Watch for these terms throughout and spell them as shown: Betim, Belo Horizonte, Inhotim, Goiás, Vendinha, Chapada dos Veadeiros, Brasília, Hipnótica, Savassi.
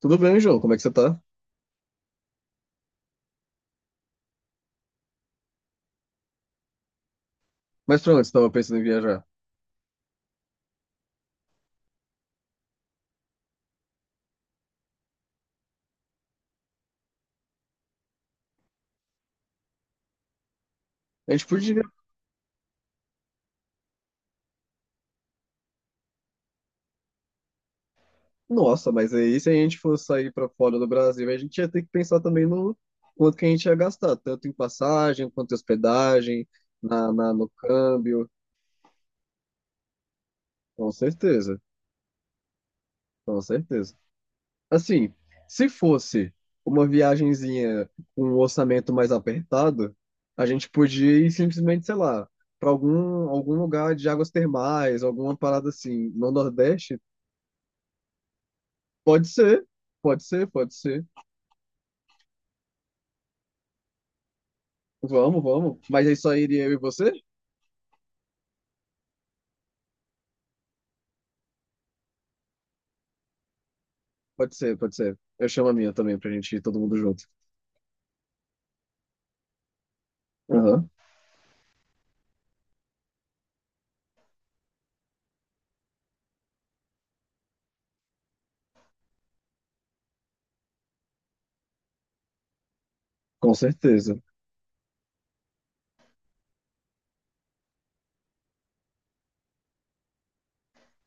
Tudo bem, João? Como é que você tá? Mas pra onde você tava pensando em viajar? A gente podia. Nossa, mas aí se a gente fosse sair pra fora do Brasil, a gente ia ter que pensar também no quanto que a gente ia gastar, tanto em passagem, quanto em hospedagem, no câmbio. Com certeza, com certeza. Assim, se fosse uma viagenzinha com um orçamento mais apertado, a gente podia ir simplesmente, sei lá, pra algum lugar de águas termais, alguma parada assim, no Nordeste. Pode ser, pode ser, pode ser. Vamos, vamos. Mas aí só iria eu e você? Pode ser, pode ser. Eu chamo a minha também pra gente ir todo mundo junto. Aham, com certeza.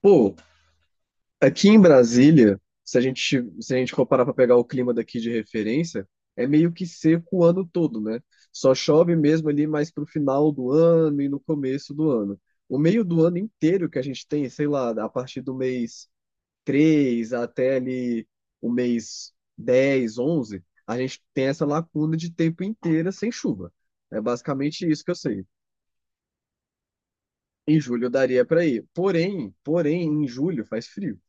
Pô, aqui em Brasília, se a gente for parar pra pegar o clima daqui de referência, é meio que seco o ano todo, né? Só chove mesmo ali mais pro final do ano e no começo do ano. O meio do ano inteiro que a gente tem, sei lá, a partir do mês 3 até ali o mês 10 11 a gente tem essa lacuna de tempo inteira sem chuva. É basicamente isso que eu sei. Em julho daria para ir. Porém, em julho faz frio.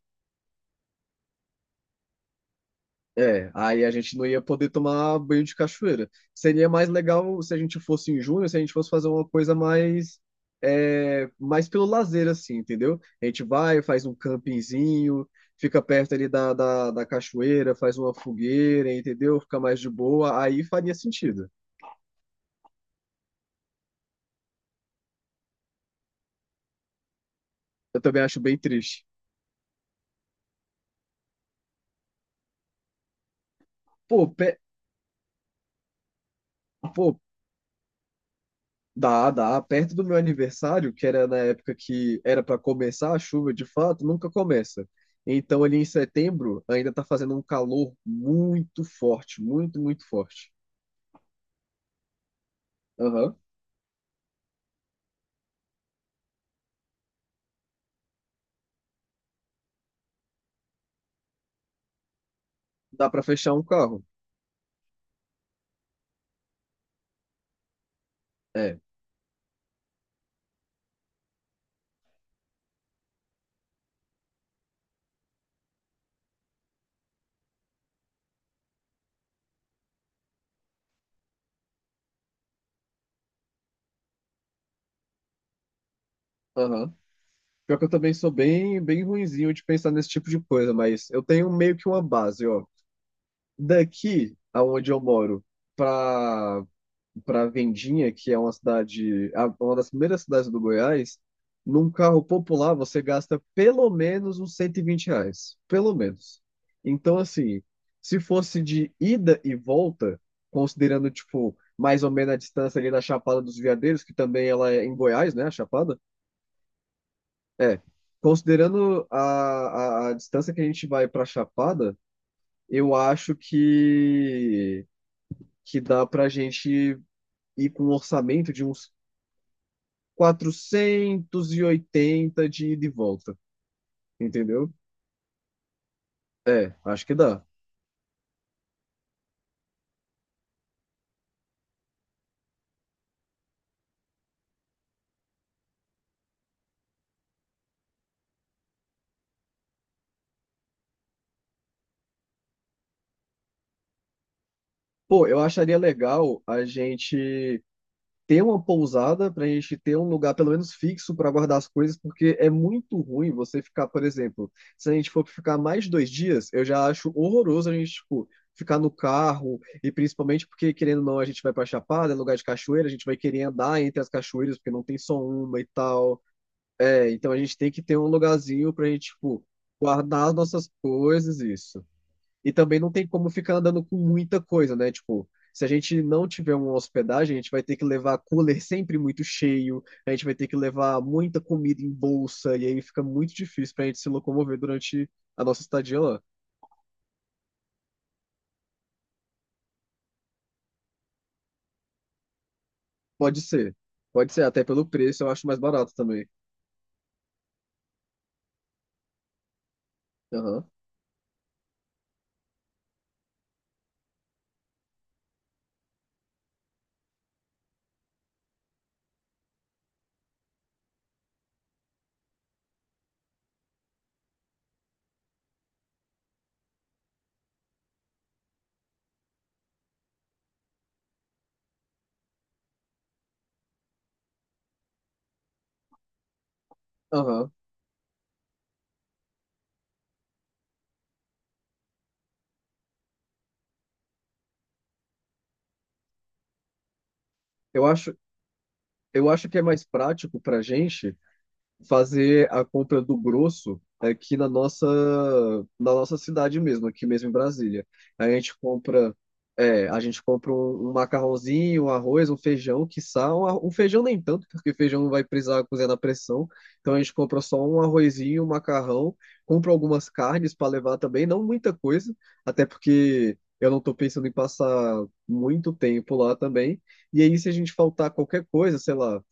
É, aí a gente não ia poder tomar banho de cachoeira. Seria mais legal se a gente fosse em junho, se a gente fosse fazer uma coisa mais, mais pelo lazer, assim, entendeu? A gente vai, faz um campinzinho, fica perto ali da cachoeira, faz uma fogueira, entendeu? Fica mais de boa, aí faria sentido. Eu também acho bem triste. Pô, pe- pô, dá, dá. Perto do meu aniversário, que era na época que era para começar a chuva, de fato, nunca começa. Então, ali em setembro, ainda tá fazendo um calor muito forte, muito, muito forte. Aham. Dá para fechar um carro. É. Aham. Pior que eu também sou bem, bem ruinzinho de pensar nesse tipo de coisa, mas eu tenho meio que uma base, ó. Daqui, aonde eu moro, para para Vendinha, que é uma cidade, uma das primeiras cidades do Goiás, num carro popular você gasta pelo menos uns 120 reais. Pelo menos. Então, assim, se fosse de ida e volta, considerando, tipo, mais ou menos a distância ali da Chapada dos Veadeiros, que também ela é em Goiás, né, a Chapada? É. Considerando a distância que a gente vai para Chapada, eu acho que dá para a gente ir com um orçamento de uns 480 de ida e volta, entendeu? É, acho que dá. Pô, eu acharia legal a gente ter uma pousada pra gente ter um lugar pelo menos fixo pra guardar as coisas, porque é muito ruim você ficar, por exemplo, se a gente for ficar mais de 2 dias, eu já acho horroroso a gente, tipo, ficar no carro e principalmente porque, querendo ou não, a gente vai pra Chapada, é lugar de cachoeira, a gente vai querer andar entre as cachoeiras porque não tem só uma e tal. É, então a gente tem que ter um lugarzinho pra gente, tipo, guardar as nossas coisas, isso. E também não tem como ficar andando com muita coisa, né? Tipo, se a gente não tiver uma hospedagem, a gente vai ter que levar cooler sempre muito cheio, a gente vai ter que levar muita comida em bolsa, e aí fica muito difícil pra gente se locomover durante a nossa estadia lá. Pode ser. Pode ser, até pelo preço eu acho mais barato também. Aham. Aham. Eu acho, eu acho que é mais prático pra gente fazer a compra do grosso aqui na nossa cidade mesmo, aqui mesmo em Brasília. A gente compra, a gente compra um macarrãozinho, um arroz, um feijão, quiçá, um feijão nem tanto, porque feijão não vai precisar cozinhar na pressão. Então a gente compra só um arrozinho, um macarrão, compra algumas carnes para levar também, não muita coisa, até porque eu não estou pensando em passar muito tempo lá também. E aí, se a gente faltar qualquer coisa, sei lá,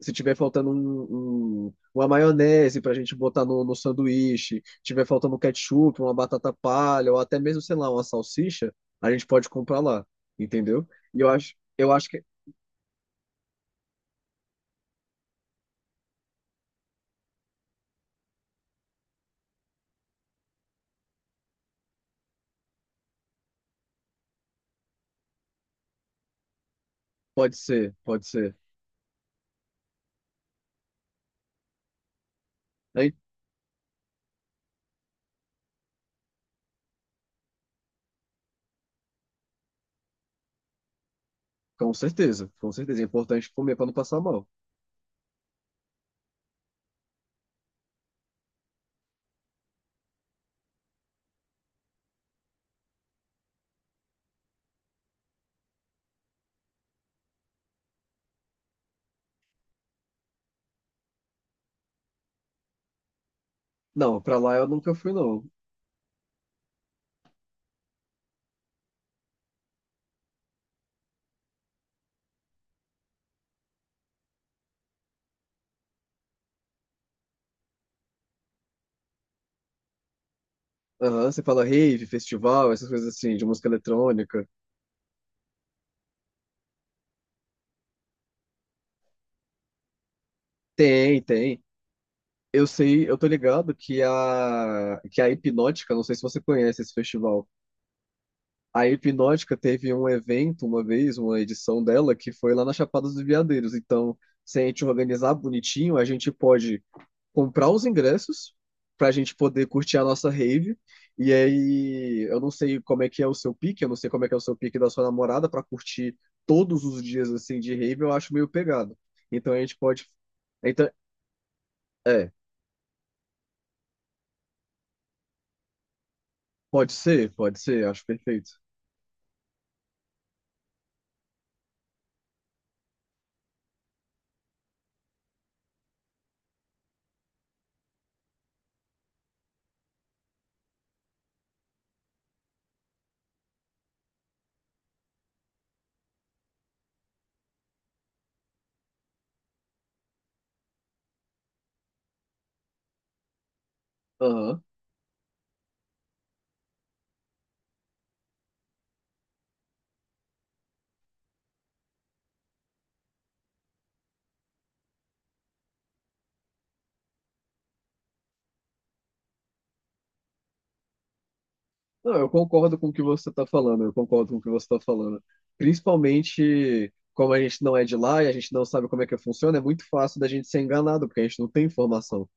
se tiver faltando uma maionese para a gente botar no sanduíche, tiver faltando um ketchup, uma batata palha, ou até mesmo, sei lá, uma salsicha, a gente pode comprar lá, entendeu? E eu acho que pode ser, pode ser. Aí, com certeza, com certeza. É importante comer para não passar mal. Não, para lá eu nunca fui, não. Aham, você fala rave, festival, essas coisas assim, de música eletrônica. Tem, tem. Eu sei, eu tô ligado que a Hipnótica, não sei se você conhece esse festival. A Hipnótica teve um evento uma vez, uma edição dela, que foi lá na Chapada dos Veadeiros. Então, se a gente organizar bonitinho, a gente pode comprar os ingressos para a gente poder curtir a nossa rave. E aí, eu não sei como é que é o seu pique, eu não sei como é que é o seu pique da sua namorada para curtir todos os dias assim de rave, eu acho meio pegado. Então a gente pode. Então, é, pode ser, acho perfeito. Aham. Não, eu concordo com o que você está falando, eu concordo com o que você está falando. Principalmente como a gente não é de lá e a gente não sabe como é que funciona, é muito fácil da gente ser enganado, porque a gente não tem informação.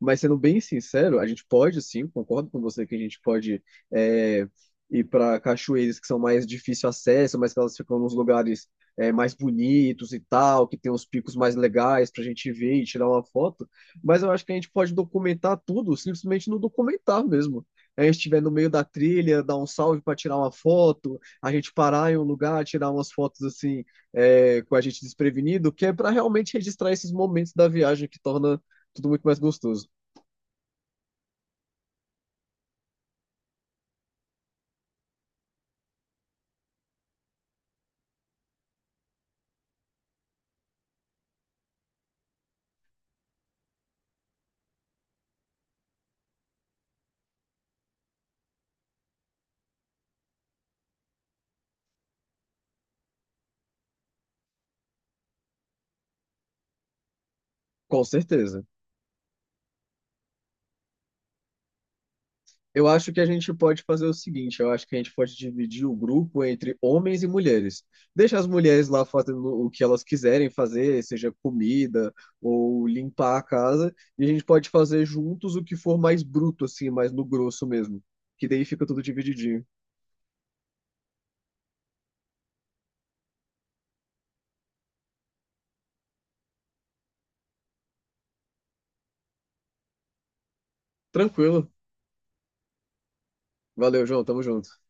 Mas sendo bem sincero, a gente pode sim, concordo com você que a gente pode é, ir para cachoeiras que são mais difícil acesso, mas que elas ficam nos lugares mais bonitos e tal, que tem os picos mais legais para a gente ver e tirar uma foto. Mas eu acho que a gente pode documentar tudo, simplesmente no documentar mesmo. A gente estiver no meio da trilha, dar um salve para tirar uma foto, a gente parar em um lugar, tirar umas fotos assim, com a gente desprevenido, que é para realmente registrar esses momentos da viagem que torna tudo muito mais gostoso. Com certeza. Eu acho que a gente pode fazer o seguinte, eu acho que a gente pode dividir o grupo entre homens e mulheres. Deixa as mulheres lá fazendo o que elas quiserem fazer, seja comida ou limpar a casa, e a gente pode fazer juntos o que for mais bruto, assim, mais no grosso mesmo. Que daí fica tudo divididinho. Tranquilo. Valeu, João. Tamo junto.